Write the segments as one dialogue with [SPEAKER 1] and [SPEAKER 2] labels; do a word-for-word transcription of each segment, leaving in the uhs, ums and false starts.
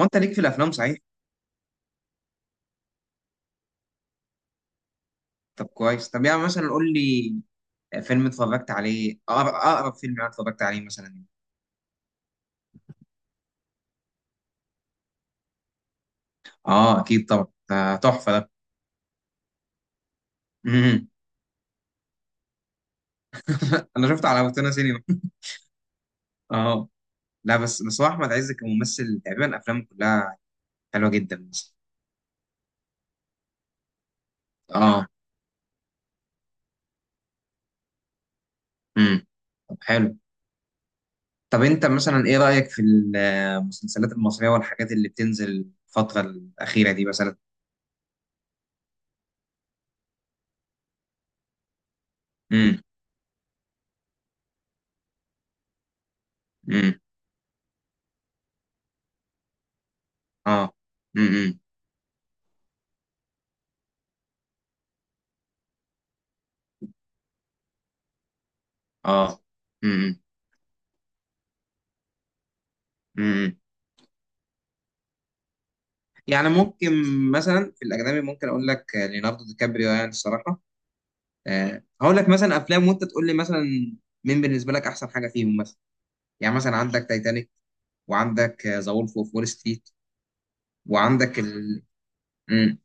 [SPEAKER 1] هو انت ليك في الافلام، صحيح؟ طب كويس، طب يعني مثلا قول لي فيلم اتفرجت عليه، اقرب اقرب فيلم انا اتفرجت عليه مثلا. اه، اكيد طبعا، ده تحفه ده. مم. انا شفته على روتانا سينما. اه. لا، بس بس هو احمد عز كممثل تقريبا افلامه كلها حلوه جدا مثلا. اه. امم. طب حلو. طب انت مثلا ايه رايك في المسلسلات المصريه والحاجات اللي بتنزل الفتره الاخيره دي مثلا؟ امم. امم. اه. امم. اه. امم. يعني ممكن. مثلا في الاجنبي ممكن اقول لك آه، ليوناردو دي كابريو، يعني الصراحه. آه، هقول لك مثلا افلام وانت تقول لي مثلا مين بالنسبه لك احسن حاجه فيهم مثلا. يعني مثلا عندك تايتانيك، وعندك ذا وولف اوف وول ستريت، وعندك ال... مم.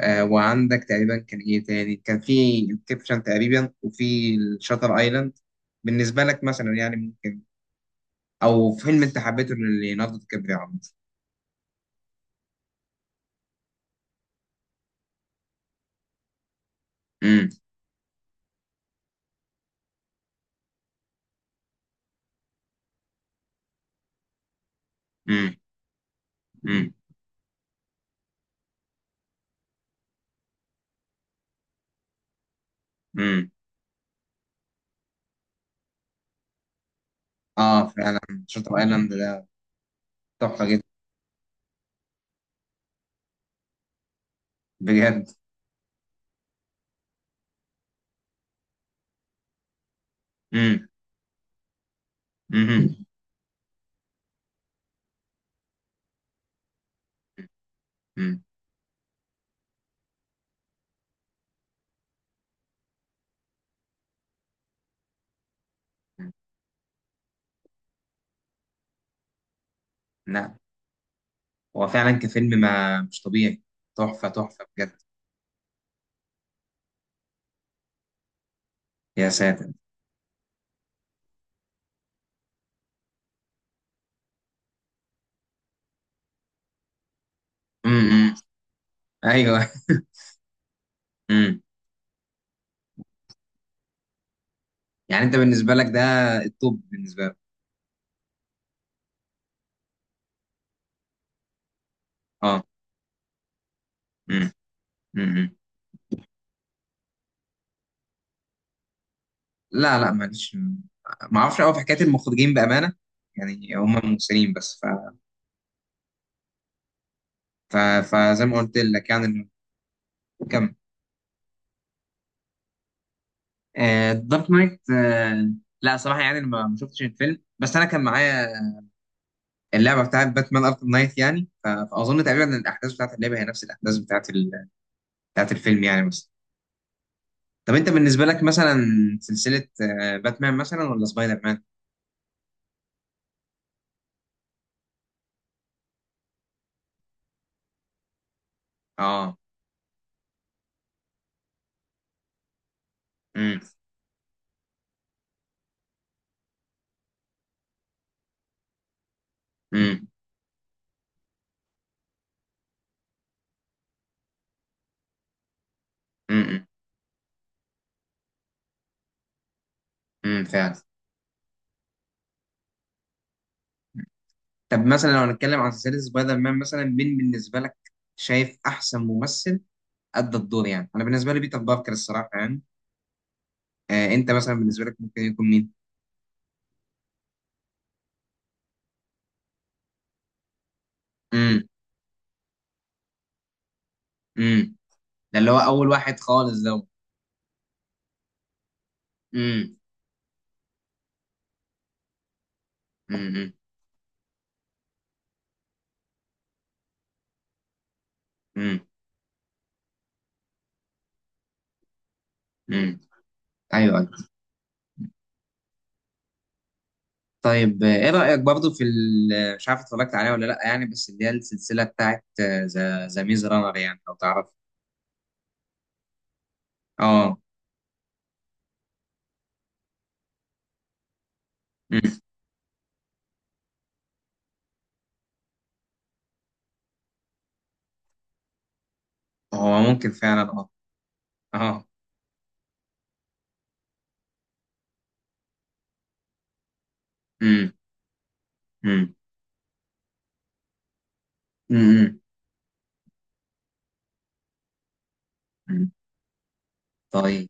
[SPEAKER 1] آه، وعندك تقريبا كان ايه تاني؟ كان في انسبشن تقريبا، وفي الشاتر ايلاند. بالنسبه لك مثلا يعني ممكن، او فيلم انت حبيته ليوناردو دي كابريو عامه؟ امم. امم. امم. اه فعلا. شاتر ايلاند ده تحفه جدا، بجد. امم. امم. امم. لا، هو فعلا كفيلم ما مش طبيعي. تحفة تحفة، بجد. يا ساتر. امم. ايوه. امم. يعني انت بالنسبة لك ده التوب بالنسبة لك؟ اه. امم. امم. لا لا، معلش، ما اعرفش قوي في حكاية المخرجين بأمانة. يعني هم ممثلين بس ف... ف... فزي ما قلت لك يعني. كم. دارك نايت، آه... Dark Knight، آه، لا صراحة يعني ما ما شفتش الفيلم، بس انا كان معايا اللعبه بتاعت باتمان اركم نايت، يعني ف- فاظن تقريبا إن الاحداث بتاعت اللعبه هي نفس الاحداث بتاعت ال... بتاعت الفيلم يعني، بس. طب انت بالنسبه لك مثلا سلسله آه، باتمان مثلا ولا سبايدر مان؟ اه. امم. امم. امم. امم فعلا. طب مثلا لو هنتكلم عن سلسله سبايدر مان، مثلا مين بالنسبه لك شايف احسن ممثل ادى الدور؟ يعني انا بالنسبه لي بيتر باركر الصراحه، يعني آه انت مثلا بالنسبه لك ممكن يكون مين؟ امم. امم. ده اللي هو اول واحد خالص ده. امم. امم. امم. امم. ايوه أيوه. طيب، آه، ايه رأيك برضو في ال- مش عارف اتفرجت عليها ولا لا، يعني بس اللي هي السلسلة بتاعت ذا ذا ميز رانر، يعني لو تعرف. اه. مم. هو ممكن فعلا، اه. اه. مم. مم. مم. مم. طيب.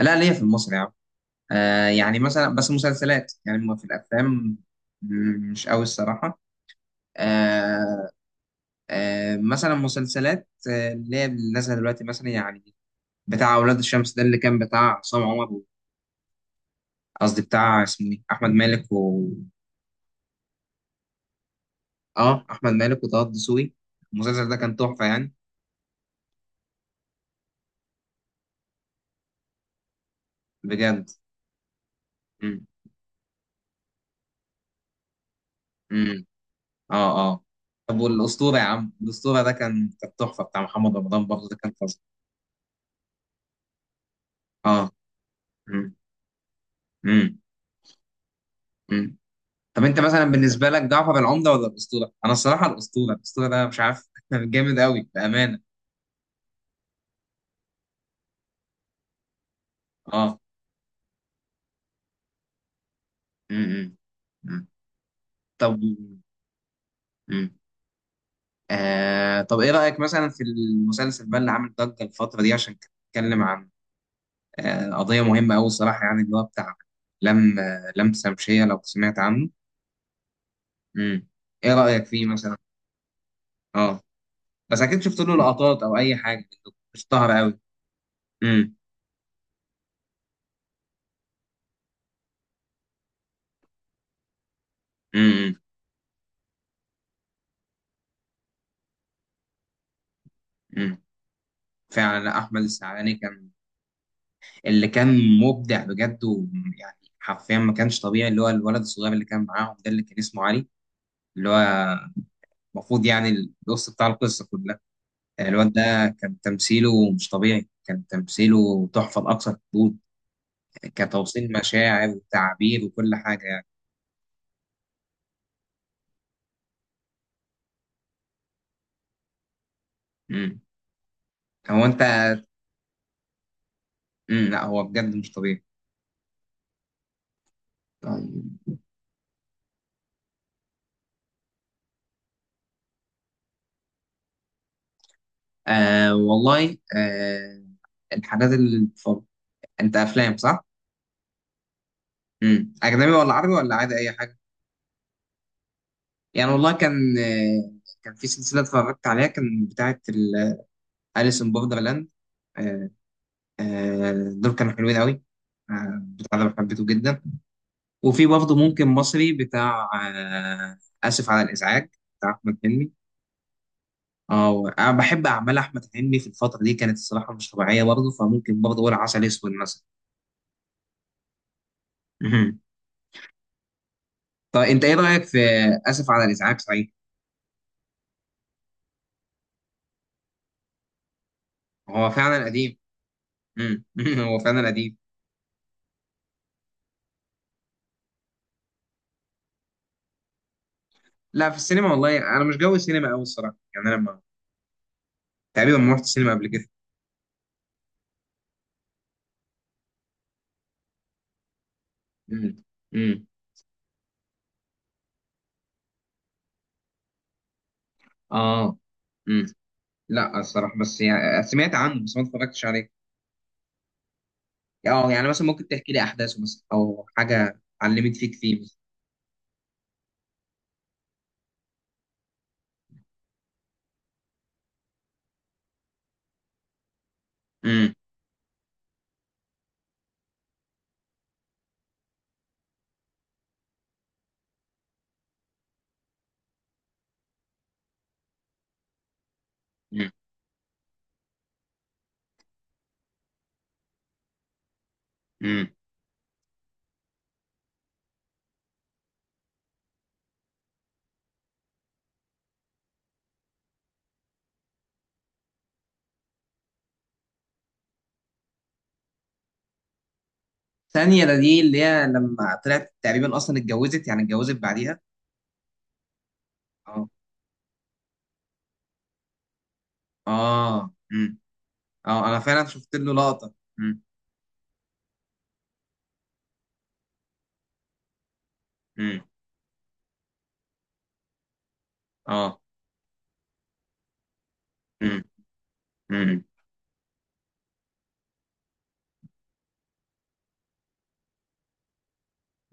[SPEAKER 1] لا، ليا في المصري يا عم، آه يعني مثلا بس مسلسلات، يعني ما في الافلام. مم، مش قوي الصراحة. آه آه مثلا مسلسلات، آه، اللي هي اللي نازلة دلوقتي مثلا يعني بتاع اولاد الشمس ده اللي كان بتاع عصام عمر و- قصدي بتاع اسمه ايه احمد مالك. اه، احمد مالك وطه الدسوقي، المسلسل ده كان تحفه يعني. بجد. امم. امم. اه. اه. طب والاسطوره يا عم، الاسطوره ده كان كانت تحفه بتاع محمد رمضان برضه، ده كان فظيع. اه. امم. امم. امم. طب انت مثلا بالنسبه لك جعفر العمده ولا الاسطوره؟ انا الصراحه الاسطوره الاسطوره ده مش عارف جامد قوي بامانه. اه. امم. امم. طب. امم. آه طب ايه رايك مثلا في المسلسل بقى اللي عامل ضجه الفتره دي، عشان كان بيتكلم عن آه، قضية مهمة أوي الصراحة، يعني اللي هو بتاع لم آه، لم شمشية لو سمعت عنه. امم. إيه رأيك فيه مثلا؟ أه. بس أكيد شفت له لقطات أو أي حاجة. اشتهر أوي. امم. امم. امم فعلا. لا، أحمد السعداني كان اللي كان مبدع بجد، ويعني حرفيا ما كانش طبيعي اللي هو الولد الصغير اللي كان معاهم ده اللي كان اسمه علي، اللي هو المفروض يعني النص بتاع القصة كلها. الواد ده كان تمثيله مش طبيعي، كان تمثيله تحفة لأقصى الحدود، كتوصيل مشاعر وتعبير وكل حاجة يعني. مم. هو أنت. مم. لا، هو بجد مش طبيعي. طيب. آه والله، آه. الحاجات اللي بتفرج أنت، أفلام صح؟ مم. أجنبي ولا عربي ولا عادي، أي حاجة؟ يعني والله كان آه كان في سلسلة اتفرجت عليها كان بتاعة أليس إن بوردرلاند. آه آه دول كانوا حلوين أوي. آه بتاع ده حبيته جدا. وفي برضه ممكن مصري بتاع آه آسف على الإزعاج، بتاع أحمد حلمي. اه، انا بحب اعمال احمد حلمي في الفتره دي كانت الصراحه مش طبيعيه برضه، فممكن برضه اقول عسل اسود مثلا. مهم. طب انت ايه رايك في، اسف على الازعاج صحيح. هو فعلا قديم. مم. هو فعلا قديم. لا، في السينما والله انا مش جو السينما قوي الصراحه، يعني انا ما تقريبا ما رحت السينما قبل كده. مم. مم. اه. مم. لا الصراحه، بس يعني سمعت عنه بس ما اتفرجتش عليه. اه، يعني مثلا ممكن تحكي لي احداثه مثلا او حاجه علمت فيك فيه مثلا. مم. مم. ثانية، ده دي اللي هي لما طلعت تقريبا أصلا اتجوزت، يعني اتجوزت بعديها. اه. اه. امم. اه. أنا فعلا شفت له لقطة. امم. امم. اه. امم. امم.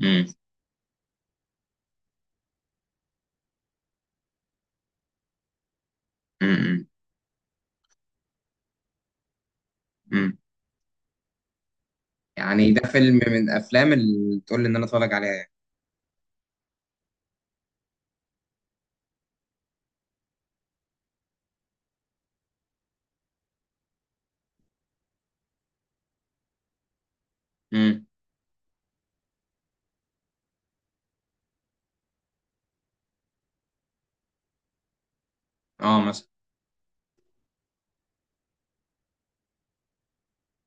[SPEAKER 1] امم. امم. امم. يعني ده فيلم من الأفلام اللي تقول لي إن أنا أتفرج عليها يعني. امم. اه مثلا.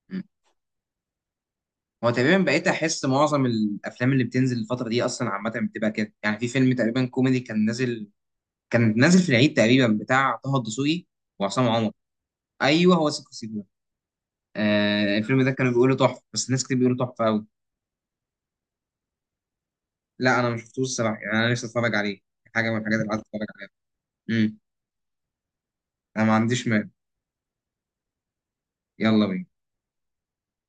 [SPEAKER 1] مم. هو تقريبا بقيت أحس معظم الأفلام اللي بتنزل الفترة دي أصلا عامة بتبقى كده، يعني في فيلم تقريبا كوميدي كان نازل كان نازل في العيد تقريبا بتاع طه الدسوقي وعصام عمر. أيوه هو سيكو سيكو. آه الفيلم ده كانوا بيقولوا تحفه، بس ناس كتير بيقولوا تحفه قوي. لا، انا ما شفتوش الصراحه، يعني انا نفسي اتفرج عليه، حاجه من الحاجات اللي عايز اتفرج عليها. امم. انا ما عنديش مال. يلا بينا.